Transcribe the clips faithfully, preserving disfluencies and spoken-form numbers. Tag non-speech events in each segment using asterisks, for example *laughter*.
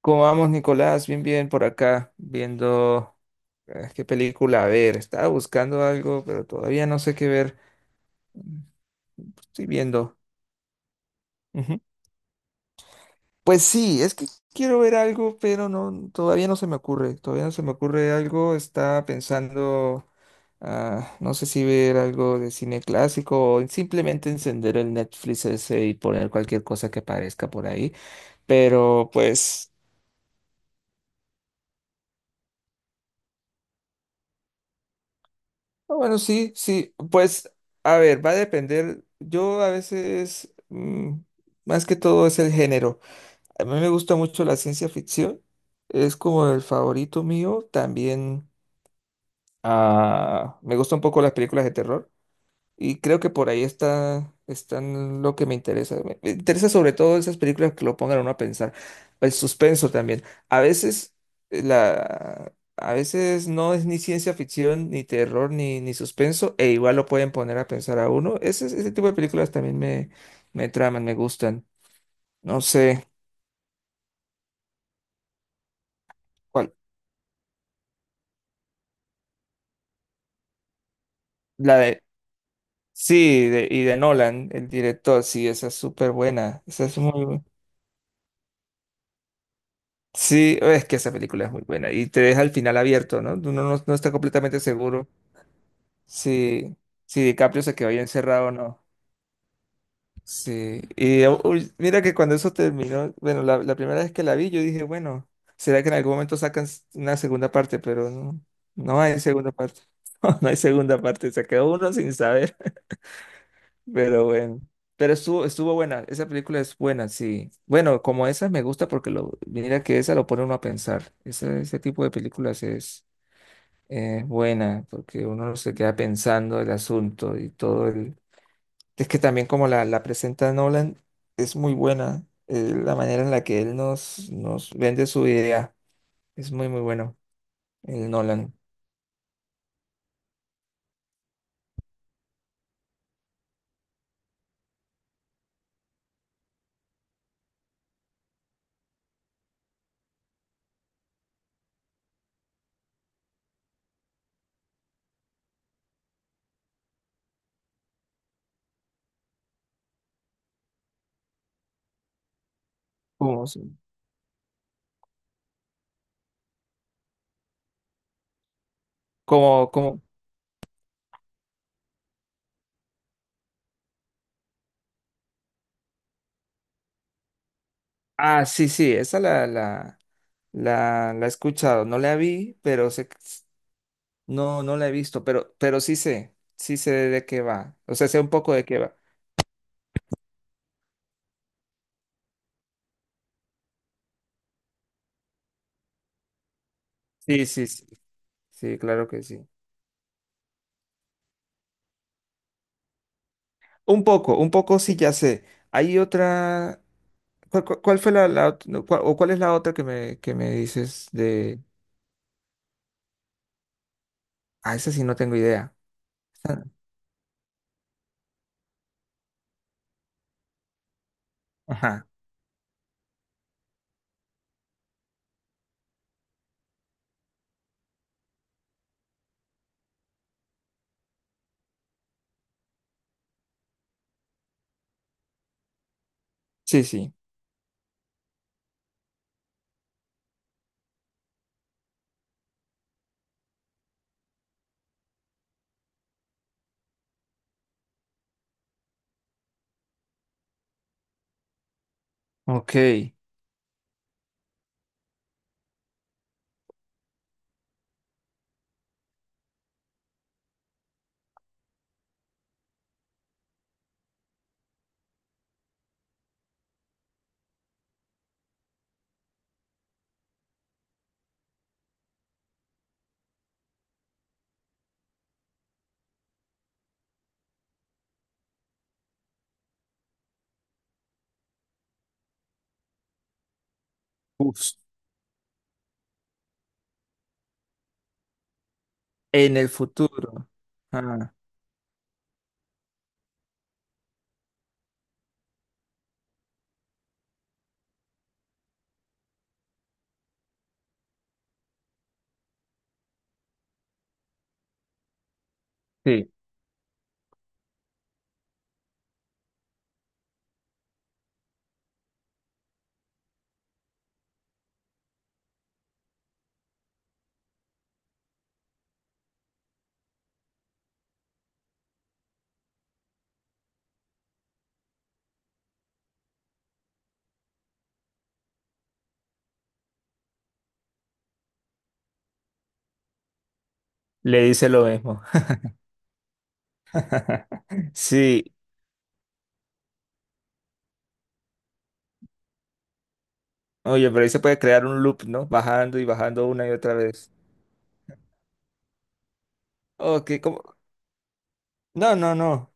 ¿Cómo vamos, Nicolás? Bien, bien, por acá, viendo eh, qué película ver. Estaba buscando algo, pero todavía no sé qué ver. Mm. Estoy viendo. Ujú. Pues sí, es que quiero ver algo, pero no, todavía no se me ocurre. Todavía no se me ocurre algo. Estaba pensando, ah, no sé si ver algo de cine clásico o simplemente encender el Netflix ese y poner cualquier cosa que aparezca por ahí. Pero pues. Ah, bueno, sí, sí, pues a ver, va a depender. Yo a veces, mm, más que todo es el género. A mí me gusta mucho la ciencia ficción, es como el favorito mío. También ah, me gusta un poco las películas de terror. Y creo que por ahí está, están lo que me interesa. Me me interesa sobre todo esas películas que lo pongan a uno a pensar. El suspenso también. A veces eh, la, a veces no es ni ciencia ficción, ni terror, ni, ni suspenso, e igual lo pueden poner a pensar a uno. Ese, ese tipo de películas también me, me traman, me gustan. No sé cuál. La de. Sí, de- y de Nolan, el director, sí, esa es súper buena. Esa es muy. Sí, es que esa película es muy buena y te deja el final abierto, ¿no? Uno no, no está completamente seguro si, si DiCaprio se quedó ahí encerrado o no. Sí, y uy, mira que cuando eso terminó, bueno, la, la primera vez que la vi, yo dije, bueno, será que en algún momento sacan s- una segunda parte, pero no, no hay segunda parte. *laughs* No, no hay segunda parte, se quedó uno sin saber. Pero bueno, pero estuvo, estuvo buena, esa película es buena, sí. Bueno, como esa me gusta porque lo, mira que esa lo pone uno a pensar. Ese, ese tipo de películas es eh, buena porque uno se queda pensando el asunto y todo el... Es que también como la, la presenta Nolan, es muy buena eh, la manera en la que él nos, nos vende su idea. Es muy, muy bueno, el Nolan. ¿Cómo? Se- como, como... Ah, sí, sí, esa la, la... La, la he escuchado, no la vi, pero sé, que- no, no la he visto, pero, pero sí sé, sí sé de qué va. O sea, sé un poco de qué va. Sí, sí, sí, sí, claro que sí. Un poco, un poco sí ya sé. Hay otra, ¿cuál, cuál- cuál fue la, la ot- no, cuál- o cuál es la otra que me, que me dices de, ah, esa sí no tengo idea. Ah. Ajá. Sí, sí, ok. Uf. En el futuro. Ah, sí, le dice lo mismo. *laughs* Sí. Oye, pero ahí se puede crear un loop, ¿no? Bajando y bajando una y otra vez. Ok, ¿cómo? No, no, no.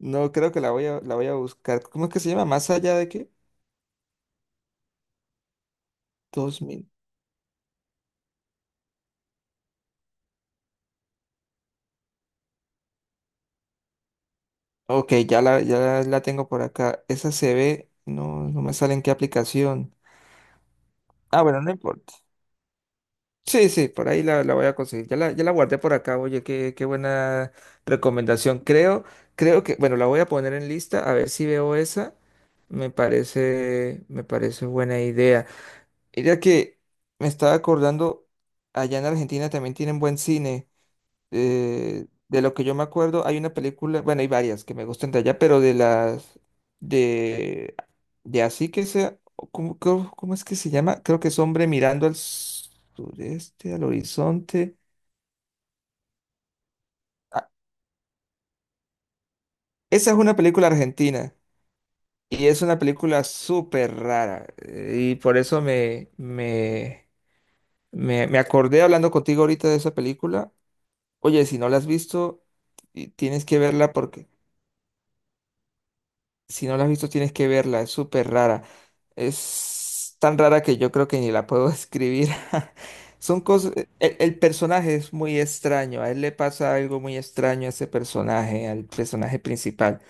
No creo que la voy a, la voy a buscar. ¿Cómo es que se llama? ¿Más allá de qué? Dos mil. Ok, ya la, ya la tengo por acá. Esa se ve. No, no me sale en qué aplicación. Ah, bueno, no importa. Sí, sí, por ahí la, la voy a conseguir. Ya la, ya la guardé por acá. Oye, qué, qué buena recomendación. Creo, creo que, bueno, la voy a poner en lista a ver si veo esa. Me parece, me parece buena idea. Mira que me estaba acordando, allá en Argentina también tienen buen cine. Eh, de lo que yo me acuerdo, hay una película, bueno, hay varias que me gustan de allá, pero de las de, de así que sea, o ¿cómo, cómo, cómo es que se llama? Creo que es Hombre mirando al sureste, al horizonte. Ah, esa es una película argentina y es una película súper rara eh, y por eso me, me, me, me acordé hablando contigo ahorita de esa película. Oye, si no la has visto, ti- tienes que verla porque si no la has visto, tienes que verla. Es súper rara. Es tan rara que yo creo que ni la puedo *laughs* escribir. Son cosas. El, el personaje es muy extraño. A él le pasa algo muy extraño a ese personaje, al personaje principal.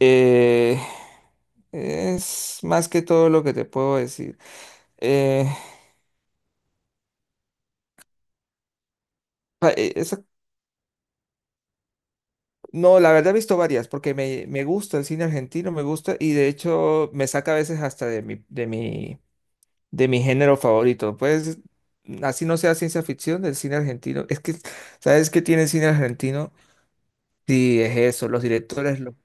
Eh, es más que todo lo que te puedo decir. Eh, pa- eh, esa no, la verdad he visto varias, porque me, me gusta el cine argentino, me gusta, y de hecho me saca a veces hasta de mi, de mi, de mi género favorito. Pues así no sea ciencia ficción del cine argentino. Es que, ¿sabes qué tiene el cine argentino? Sí, es eso, los directores lo,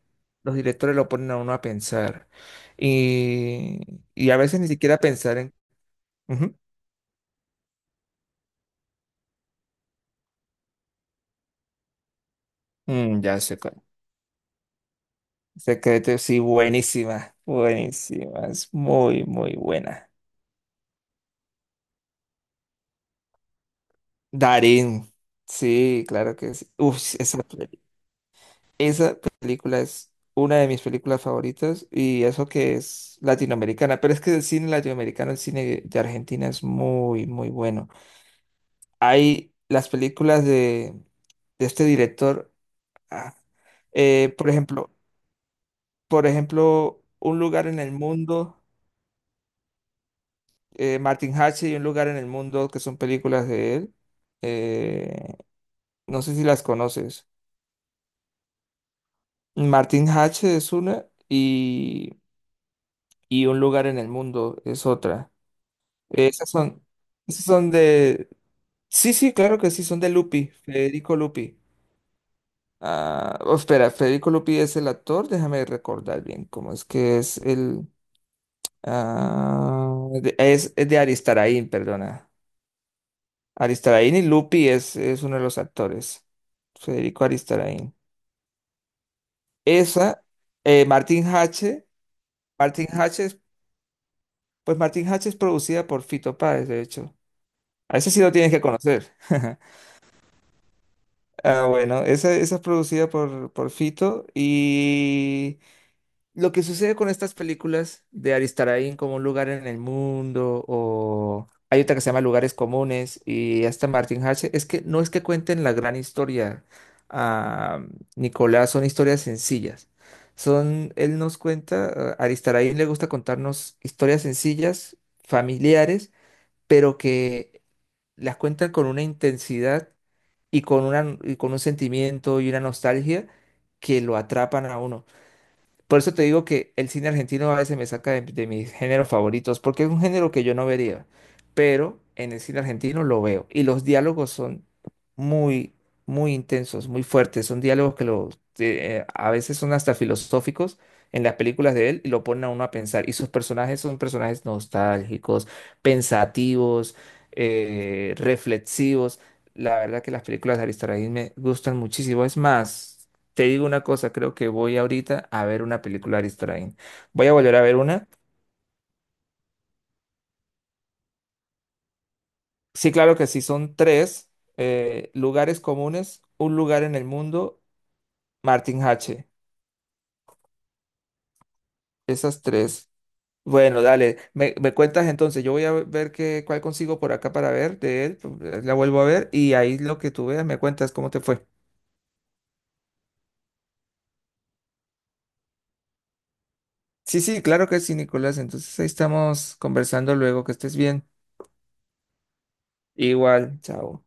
los directores lo ponen a uno a pensar. Y, y a veces ni siquiera pensar en... Ujú. Mm, ya sé cuál. Secreto, sí, buenísima, buenísima, es muy, muy buena. Darín, sí, claro que sí. Uf, esa, peli- esa película es una de mis películas favoritas y eso que es latinoamericana, pero es que el cine latinoamericano, el cine de Argentina es muy, muy bueno. Hay las películas de, de este director, ah, eh, por ejemplo, por ejemplo, Un lugar en el mundo, eh, Martin Hatche y Un lugar en el mundo, que son películas de él. Eh, no sé si las conoces. Martin H es una y, y Un lugar en el mundo es otra. Esas son, esas son de... Sí, sí, claro que sí, son de Lupi, Federico Lupi. Ah, oh, espera, Federico Lupi es el actor, déjame recordar bien cómo es que es el... ah, de- es, es de Aristarain, perdona. Aristarain y Lupi es, es uno de los actores. Federico Aristarain. Esa, eh, Martin H. Martin H. Pues Martin Hatch es producida por Fito Páez, de hecho. A ese sí lo tienes que conocer. *laughs* Ah, bueno, esa, esa es producida por, por Fito. Y lo que sucede con estas películas de Aristarain como Un lugar en el mundo, o hay otra que se llama Lugares Comunes, y hasta Martin Hatch, es que no es que cuenten la gran historia, ah, Nicolás, son historias sencillas. Son, él nos cuenta, a Aristarain le gusta contarnos historias sencillas, familiares pero que las cuentan con una intensidad y con una, y con un sentimiento y una nostalgia que lo atrapan a uno. Por eso te digo que el cine argentino a veces me saca de, de mis géneros favoritos, porque es un género que yo no vería, pero en el cine argentino lo veo. Y los diálogos son muy, muy intensos, muy fuertes. Son diálogos que los, te- eh, a veces son hasta filosóficos en las películas de él y lo ponen a uno a pensar. Y sus personajes son personajes nostálgicos, pensativos, eh, reflexivos. La verdad que las películas de Aristarahis me gustan muchísimo. Es más. Te digo una cosa, creo que voy ahorita a ver una película de Ari. Voy a volver a ver una. Sí, claro que sí, son tres eh, Lugares Comunes, Un lugar en el mundo, Martin H. Esas tres. Bueno, dale, me, me cuentas entonces, yo voy a ver qué, cuál consigo por acá para ver de él, pues, la vuelvo a ver y ahí lo que tú veas me cuentas cómo te fue. Sí, sí, claro que sí, Nicolás. Entonces ahí estamos conversando luego, que estés bien. Igual, chao.